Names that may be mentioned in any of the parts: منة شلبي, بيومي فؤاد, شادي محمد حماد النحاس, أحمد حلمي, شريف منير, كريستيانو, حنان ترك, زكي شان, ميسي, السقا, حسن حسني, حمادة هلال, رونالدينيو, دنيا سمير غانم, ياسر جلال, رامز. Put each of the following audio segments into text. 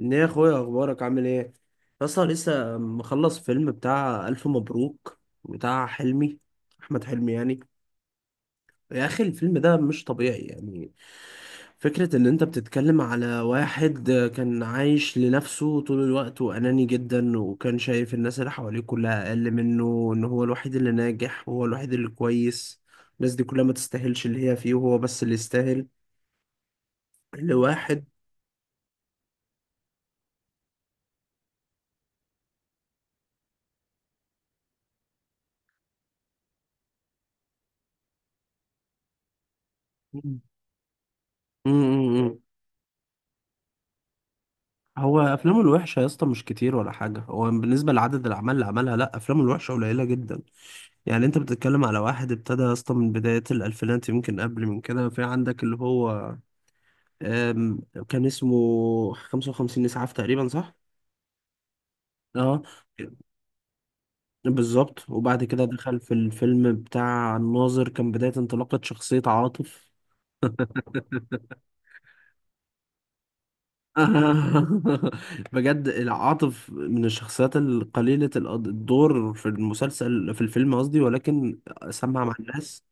ايه يا اخويا، اخبارك؟ عامل ايه؟ اصلا لسه مخلص فيلم بتاع الف مبروك، بتاع حلمي، احمد حلمي يعني. يا اخي الفيلم ده مش طبيعي يعني. فكرة ان انت بتتكلم على واحد كان عايش لنفسه طول الوقت، واناني جدا، وكان شايف الناس اللي حواليه كلها اقل منه، ان هو الوحيد اللي ناجح وهو الوحيد اللي كويس. الناس دي كلها ما تستاهلش اللي هي فيه وهو بس اللي يستاهل. لواحد. مم. هو افلامه الوحشه يا اسطى مش كتير ولا حاجه، هو بالنسبه لعدد الاعمال اللي عملها، لا، افلامه الوحشه قليله جدا. يعني انت بتتكلم على واحد ابتدى يا اسطى من بدايه الالفينات، يمكن قبل من كده. في عندك اللي هو آم، كان اسمه 55 اسعاف تقريبا، صح؟ اه بالظبط. وبعد كده دخل في الفيلم بتاع الناظر، كان بدايه انطلاقه شخصيه عاطف. بجد العاطف من الشخصيات القليلة، الدور في المسلسل، في الفيلم قصدي، ولكن سمع مع الناس.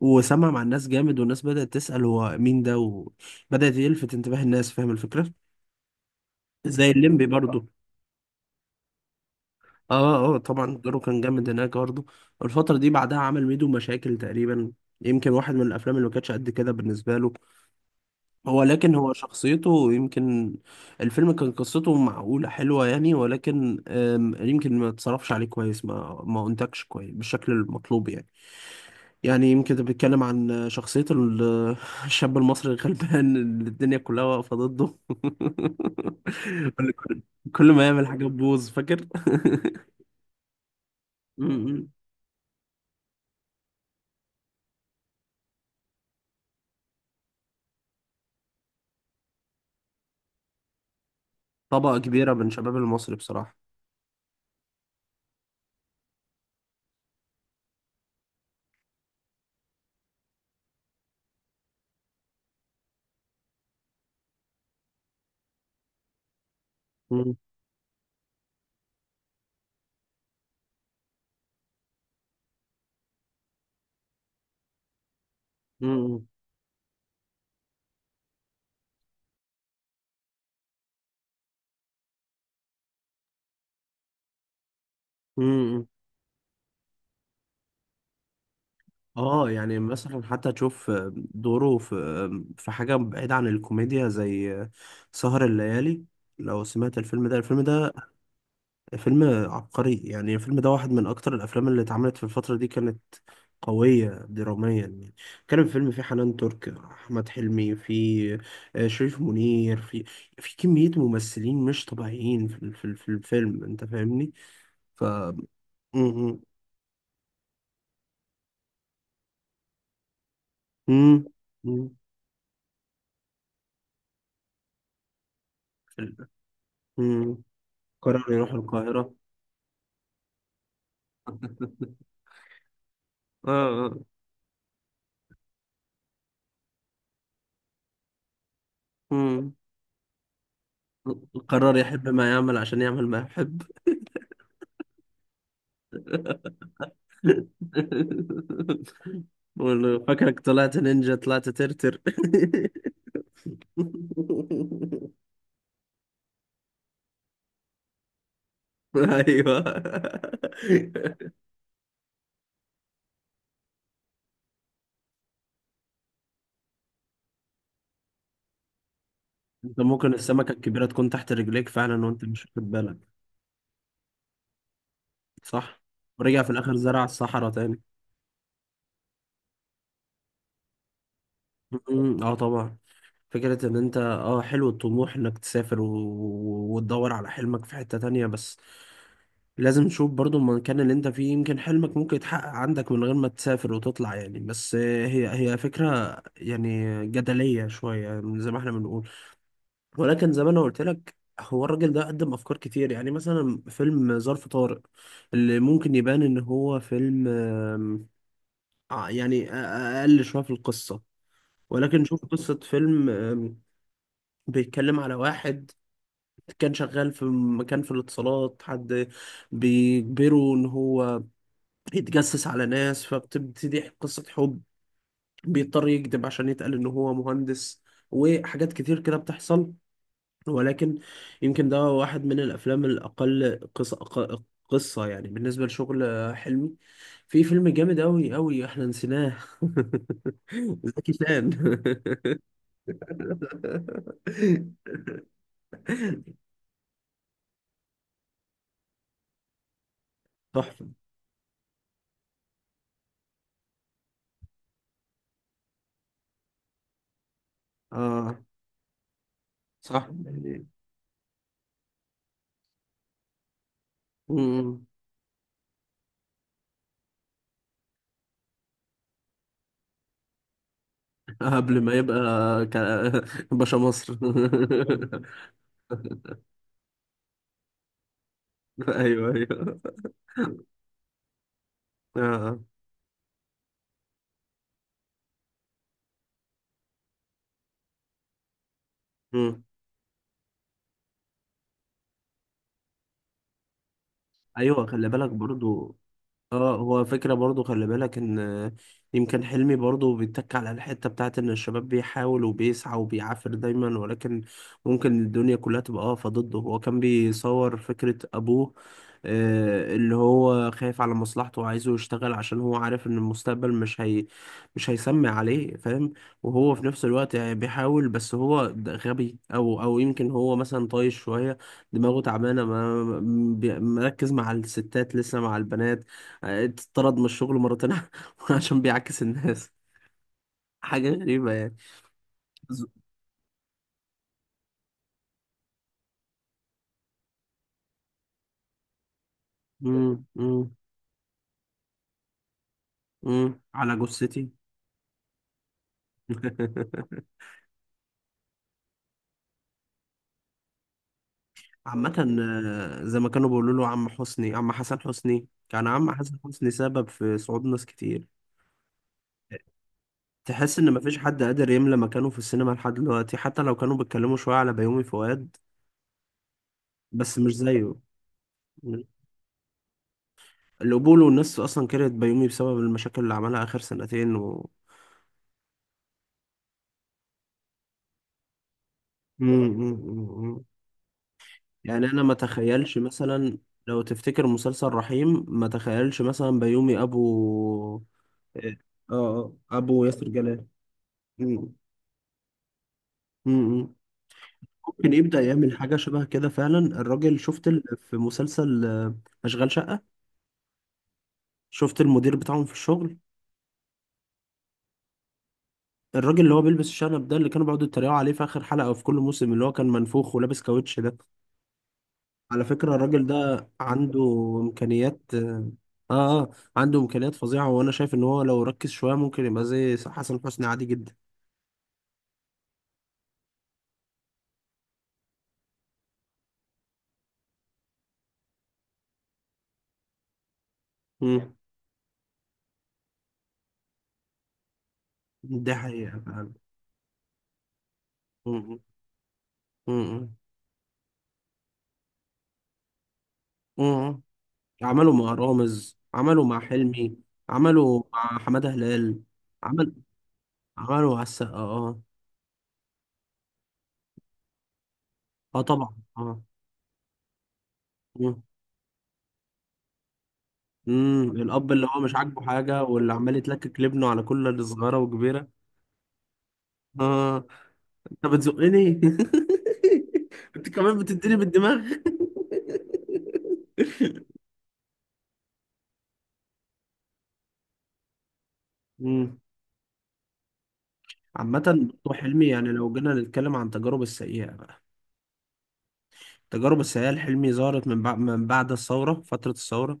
وسمع مع الناس جامد، والناس بدأت تسأل هو مين ده، وبدأت يلفت انتباه الناس، فاهم الفكرة؟ زي الليمبي برضو. اه اه، طبعا دوره كان جامد هناك برضو. الفترة دي بعدها عمل ميدو مشاكل تقريبا، يمكن واحد من الأفلام اللي ما كانتش قد كده بالنسبة له، هو لكن هو شخصيته يمكن. الفيلم كان قصته معقولة، حلوة يعني، ولكن يمكن ما اتصرفش عليه كويس، ما انتجش كويس بالشكل المطلوب يعني. يعني يمكن ده بيتكلم عن شخصية الشاب المصري الغلبان اللي الدنيا كلها واقفة ضده اللي كل ما يعمل حاجة تبوظ، فاكر؟ م- م. طبقة كبيرة من شباب المصري بصراحة. م- م- م- اه يعني مثلا حتى تشوف دوره في في حاجة بعيدة عن الكوميديا زي سهر الليالي. لو سمعت الفيلم ده، الفيلم ده فيلم عبقري يعني. الفيلم ده واحد من أكتر الأفلام اللي اتعملت في الفترة دي، كانت قوية دراميا يعني. كان الفيلم فيه حنان ترك، أحمد حلمي فيه، شريف منير فيه، في كمية ممثلين مش طبيعيين في الفيلم، أنت فاهمني؟ ف م- م- م- م- م- قرر يروح القاهرة. اه اه. مم. قرر يحب ما يعمل عشان يعمل ما يحب. بقول له فاكرك طلعت نينجا، طلعت ترتر. ايوه. انت ممكن السمكة الكبيرة تكون تحت رجليك فعلا وانت مش واخد بالك. صح. ورجع في الاخر زرع الصحراء تاني. مم. اه طبعا. فكرة ان انت، اه، حلو الطموح انك تسافر وتدور على حلمك في حتة تانية، بس لازم تشوف برضو المكان اللي انت فيه، يمكن حلمك ممكن يتحقق عندك من غير ما تسافر وتطلع يعني. بس هي فكرة يعني جدلية شوية يعني، زي ما احنا بنقول. ولكن زي ما انا قلت لك، هو الراجل ده قدم افكار كتير. يعني مثلا فيلم ظرف طارق، اللي ممكن يبان ان هو فيلم يعني اقل شوية في القصة، ولكن شوف قصة فيلم بيتكلم على واحد كان شغال في مكان في الاتصالات، حد بيجبره ان هو يتجسس على ناس، فبتبتدي قصة حب، بيضطر يكذب عشان يتقال ان هو مهندس، وحاجات كتير كده بتحصل. ولكن يمكن ده واحد من الافلام الاقل قصة، قصة يعني، بالنسبة لشغل حلمي. في فيلم جامد أوي أوي احنا نسيناه. زكي شان. تحفة، اه، صح. يعني. مم. قبل ما يبقى ك... باشا مصر. ايوه ايوه. آه. مم. ايوه، خلي بالك برضو. اه هو فكرة برضو، خلي بالك ان يمكن حلمي برضو بيتك على الحتة بتاعت ان الشباب بيحاول وبيسعى وبيعافر دايما، ولكن ممكن الدنيا كلها تبقى واقفة ضده. هو كان بيصور فكرة ابوه، اللي هو خايف على مصلحته وعايزه يشتغل، عشان هو عارف ان المستقبل مش هي، مش هيسمع عليه، فاهم؟ وهو في نفس الوقت يعني بيحاول، بس هو ده غبي او يمكن هو مثلا طايش شوية، دماغه تعبانة، ما م- بي- مركز مع الستات لسه، مع البنات. اتطرد من الشغل مرتين، عشان بيعكس الناس، حاجة غريبة يعني. ز- مم، مم، على جثتي. عامة، زي ما كانوا بيقولوا له عم حسني، عم حسن حسني، كان عم حسن حسني سبب في صعود ناس كتير. تحس ان مفيش حد قادر يملى مكانه في السينما لحد دلوقتي، حتى لو كانوا بيتكلموا شوية على بيومي فؤاد، بس مش زيه. القبول والناس اصلا كرهت بيومي بسبب المشاكل اللي عملها اخر سنتين امم يعني انا ما تخيلش مثلا، لو تفتكر مسلسل رحيم، ما تخيلش مثلا بيومي ابو، اه، ابو ياسر جلال. مم. مم. ممكن يبدأ يعمل حاجة شبه كده فعلا الراجل. في مسلسل أشغال شقة؟ شفت المدير بتاعهم في الشغل، الراجل اللي هو بيلبس الشنب ده، اللي كانوا بيقعدوا يتريقوا عليه في آخر حلقة وفي كل موسم، اللي هو كان منفوخ ولابس كاوتش ده. على فكرة الراجل ده عنده إمكانيات آه عنده إمكانيات فظيعة، وأنا شايف إن هو لو ركز شوية ممكن يبقى زي حسن حسني عادي جدا. مم. دي حقيقة فعلا. مم. مم. مم. عملوا مع رامز، عملوا مع حلمي، عملوا مع حمادة هلال. عمل، عملوا مع السقا. اه اه، طبعا اه. مم. مم. الأب اللي هو مش عاجبه حاجة واللي عمال يتلكك لابنه على كل اللي صغيرة وكبيرة. اه، انت بتزقني. انت كمان بتديني بالدماغ. مم. عامة، برضه حلمي، يعني لو جينا نتكلم عن تجارب السيئة بقى، التجارب السيئة لحلمي ظهرت من بعد الثورة، فترة الثورة.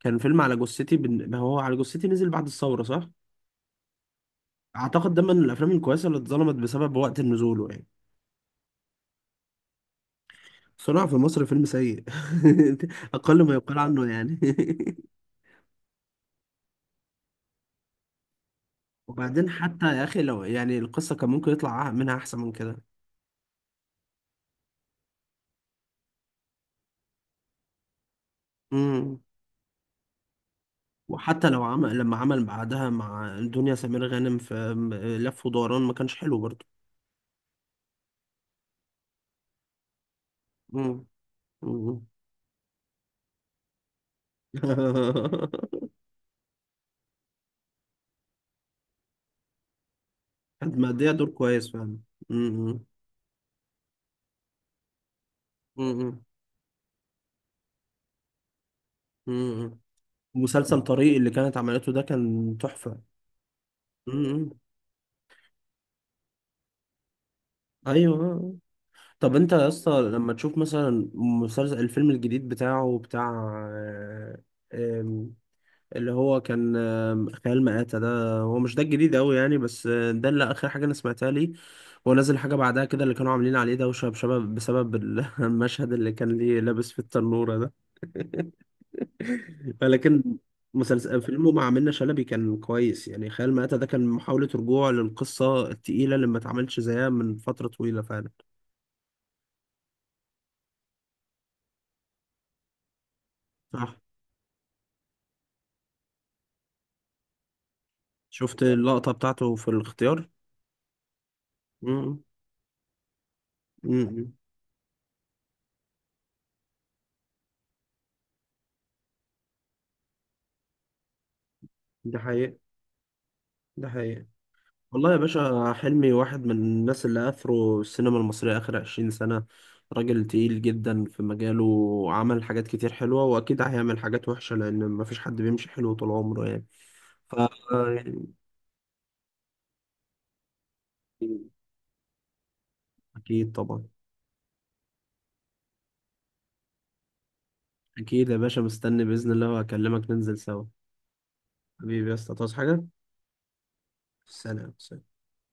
كان فيلم على جثتي، ما هو على جثتي نزل بعد الثورة صح؟ اعتقد ده من الافلام الكويسه اللي اتظلمت بسبب وقت نزوله يعني. صنع في مصر فيلم سيء، اقل ما يقال عنه يعني. وبعدين حتى يا اخي لو يعني القصه كان ممكن يطلع منها احسن من كده. امم. وحتى لو عمل، لما عمل بعدها مع دنيا سمير غانم في لف ودوران، ما كانش حلو برضه. امم. أمم. كانت مأدية دور كويس فعلا. امم. امم. امم. مسلسل طريق اللي كانت عملته ده كان تحفه. امم. ايوه. طب انت يا اسطى لما تشوف مثلا مسلسل، الفيلم الجديد بتاعه بتاع، آه، آم، اللي هو كان خيال مآتة، ده هو مش ده الجديد قوي يعني، بس ده اللي اخر حاجة انا سمعتها ليه. هو نازل حاجة بعدها كده، اللي كانوا عاملين عليه دوشة بسبب المشهد اللي كان ليه لابس في التنورة ده. لكن مسلسل، فيلمه مع منة شلبي، كان كويس يعني. خيال مآتة ده كان محاولة رجوع للقصة التقيلة اللي ما اتعملش زيها من فترة طويلة فعلا. صح. شفت اللقطة بتاعته في الاختيار؟ مم. مم. ده حقيقة، ده حقيقة. والله يا باشا، حلمي واحد من الناس اللي أثروا السينما المصرية آخر 20 سنة. راجل تقيل جدا في مجاله، وعمل حاجات كتير حلوة، وأكيد هيعمل حاجات وحشة، لأن مفيش حد بيمشي حلو طول عمره يعني. ف أكيد طبعا. أكيد يا باشا، مستني بإذن الله، وأكلمك ننزل سوا. حبيبي يا اسطى، تعوز حاجة؟ سلام سلام.